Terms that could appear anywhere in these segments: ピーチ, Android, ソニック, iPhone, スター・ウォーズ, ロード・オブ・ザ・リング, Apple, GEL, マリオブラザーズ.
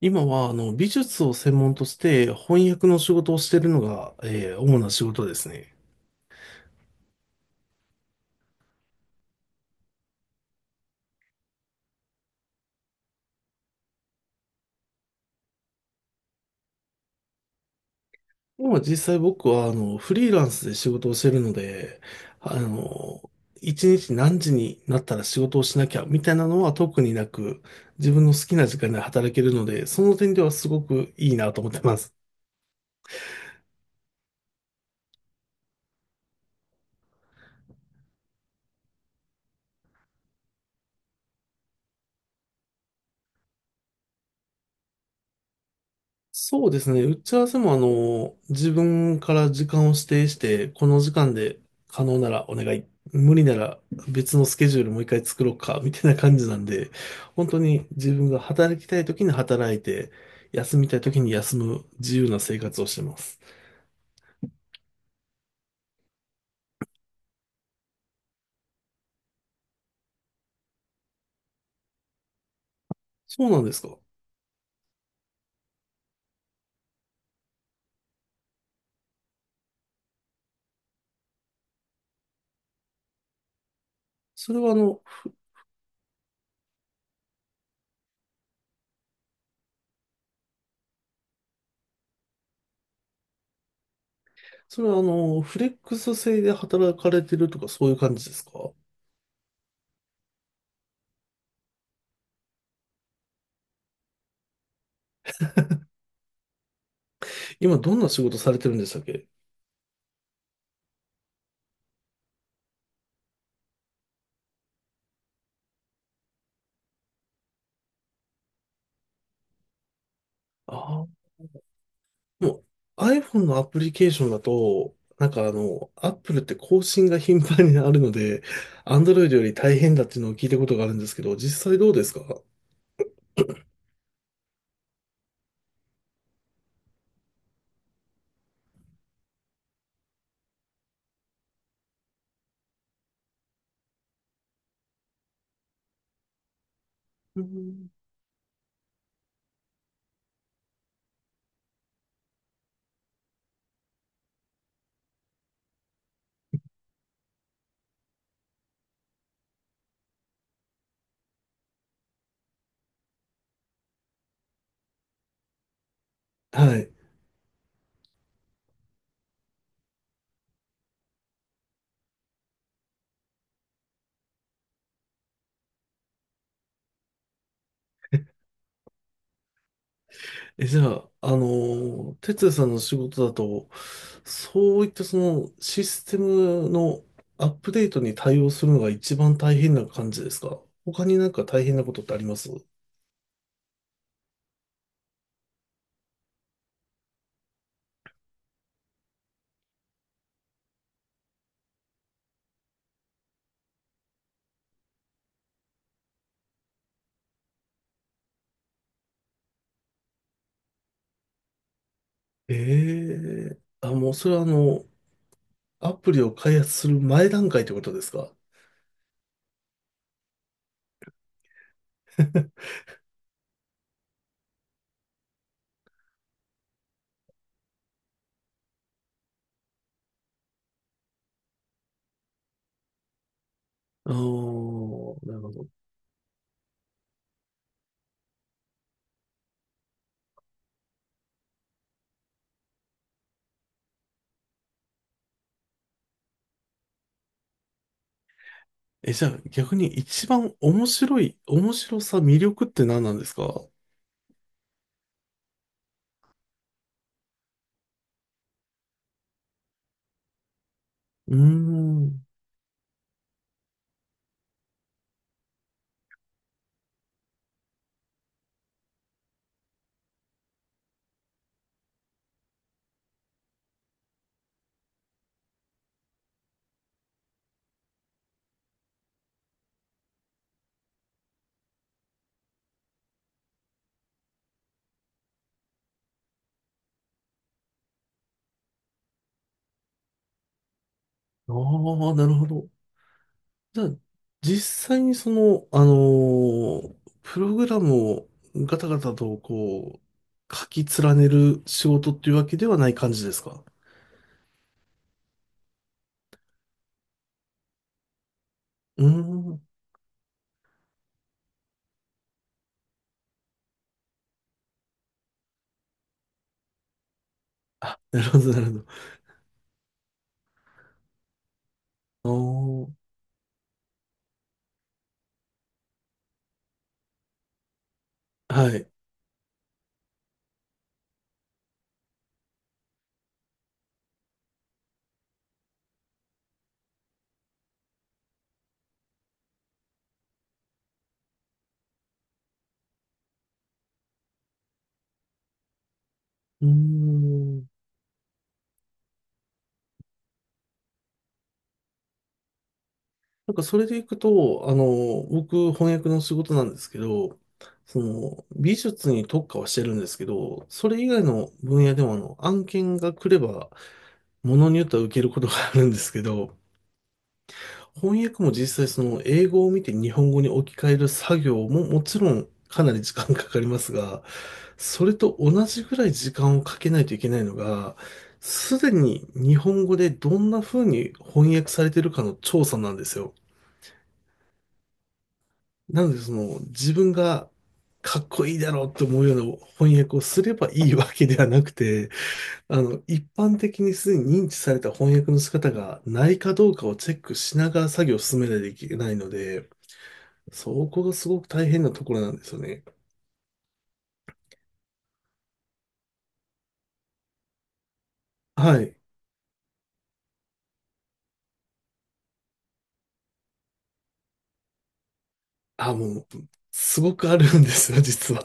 今は、美術を専門として翻訳の仕事をしているのが、主な仕事ですね。今実際僕は、フリーランスで仕事をしているので、あの、一日何時になったら仕事をしなきゃ、みたいなのは特になく、自分の好きな時間で働けるので、その点ではすごくいいなと思ってます。そうですね。打ち合わせも自分から時間を指定して、この時間で可能ならお願い。無理なら別のスケジュールもう一回作ろうか、みたいな感じなんで、本当に自分が働きたい時に働いて、休みたい時に休む自由な生活をしてます。そうなんですか？それはあの、それはあの、フレックス制で働かれてるとかそういう感じですか？今どんな仕事されてるんでしたっけ？ああー。もう iPhone のアプリケーションだと、Apple って更新が頻繁にあるので、Android より大変だっていうのを聞いたことがあるんですけど、実際どうですか？うん。はい。え、じゃあ、あの、哲也さんの仕事だと、そういったそのシステムのアップデートに対応するのが一番大変な感じですか？他になんか大変なことってあります？ええ、あ、もうそれはあの、アプリを開発する前段階ってことですか？ ああ、なるほど。え、じゃあ逆に一番面白い、面白さ、魅力って何なんですか？うーん。ああ、なるほど。じゃあ、実際にその、あのープログラムをガタガタとこう、書き連ねる仕事っていうわけではない感じですか？うーん。あ、なるほど、なるほど。ああ、はい。うーん。なんかそれでいくと、あの、僕、翻訳の仕事なんですけど、その、美術に特化はしてるんですけど、それ以外の分野でもあの、案件が来れば、ものによっては受けることがあるんですけど、翻訳も実際その、英語を見て日本語に置き換える作業ももちろんかなり時間かかりますが、それと同じぐらい時間をかけないといけないのが、すでに日本語でどんな風に翻訳されてるかの調査なんですよ。なので、その、自分がかっこいいだろうと思うような翻訳をすればいいわけではなくて、あの、一般的にすでに認知された翻訳の仕方がないかどうかをチェックしながら作業を進めないといけないので、そこがすごく大変なところなんですよね。はい。あ、もう、すごくあるんですよ、実は。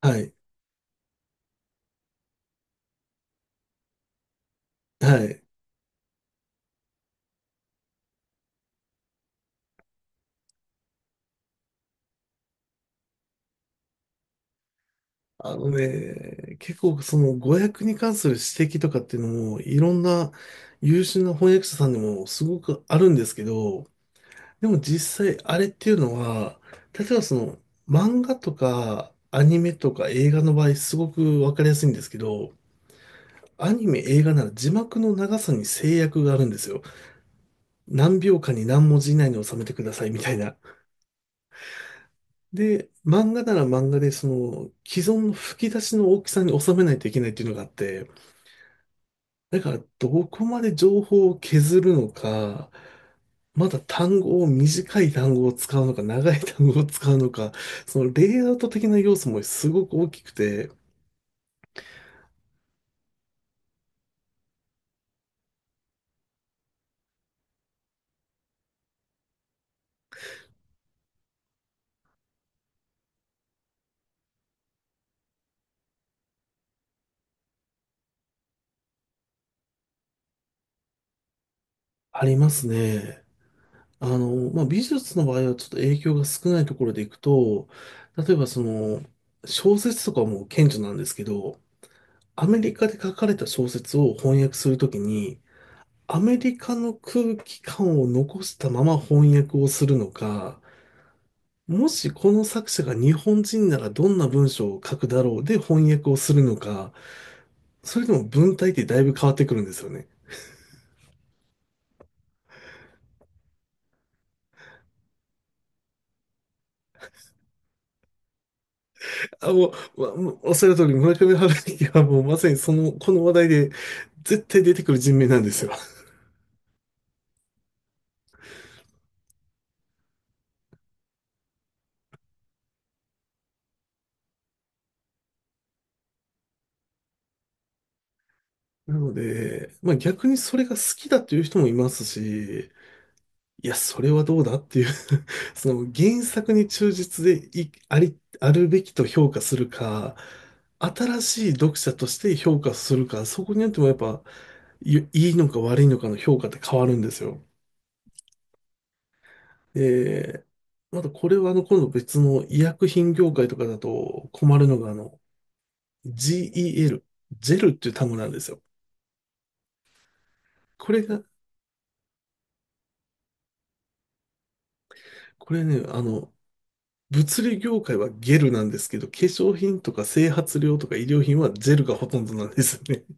はい。はい。あのね、結構その語訳に関する指摘とかっていうのも、いろんな優秀な翻訳者さんでもすごくあるんですけど、でも実際あれっていうのは、例えばその漫画とかアニメとか映画の場合すごくわかりやすいんですけど、アニメ映画なら字幕の長さに制約があるんですよ。何秒間に何文字以内に収めてくださいみたいな。で、漫画なら漫画でその既存の吹き出しの大きさに収めないといけないっていうのがあって、だからどこまで情報を削るのか、まだ単語を短い単語を使うのか、長い単語を使うのか、そのレイアウト的な要素もすごく大きくて、ありますね。あの、まあ、美術の場合はちょっと影響が少ないところでいくと、例えばその、小説とかも顕著なんですけど、アメリカで書かれた小説を翻訳するときに、アメリカの空気感を残したまま翻訳をするのか、もしこの作者が日本人ならどんな文章を書くだろうで翻訳をするのか、それでも文体ってだいぶ変わってくるんですよね。あ、もう、おっしゃる通り村上春樹はもうまさにその、この話題で絶対出てくる人名なんですよ。なので、まあ逆にそれが好きだという人もいますし、いや、それはどうだっていう その原作に忠実でい、あり、あるべきと評価するか、新しい読者として評価するか、そこによってもやっぱ、いいのか悪いのかの評価って変わるんですよ。で、またこれはあの、今度別の医薬品業界とかだと困るのがあの、GEL、ジェルっていう単語なんですよ。これが、これね、あの、物理業界はゲルなんですけど、化粧品とか整髪料とか医療品はジェルがほとんどなんですね。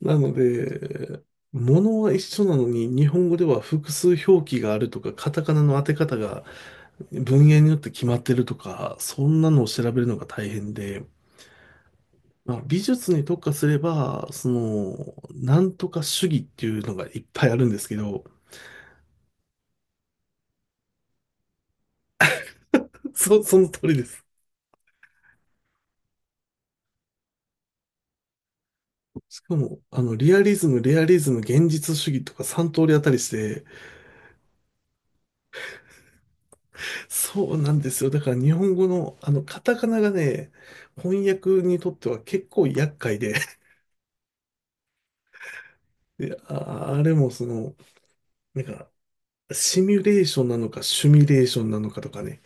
なので、物は一緒なのに、日本語では複数表記があるとか、カタカナの当て方が文言によって決まってるとか、そんなのを調べるのが大変で、まあ、美術に特化すれば、その、なんとか主義っていうのがいっぱいあるんですけど、その通りです。しかも、あの、リアリズム、レアリズム、現実主義とか3通りあったりして、そうなんですよ。だから日本語のあのカタカナがね、翻訳にとっては結構厄介で、で、あれもその、なんか、シミュレーションなのかシュミレーションなのかとかね、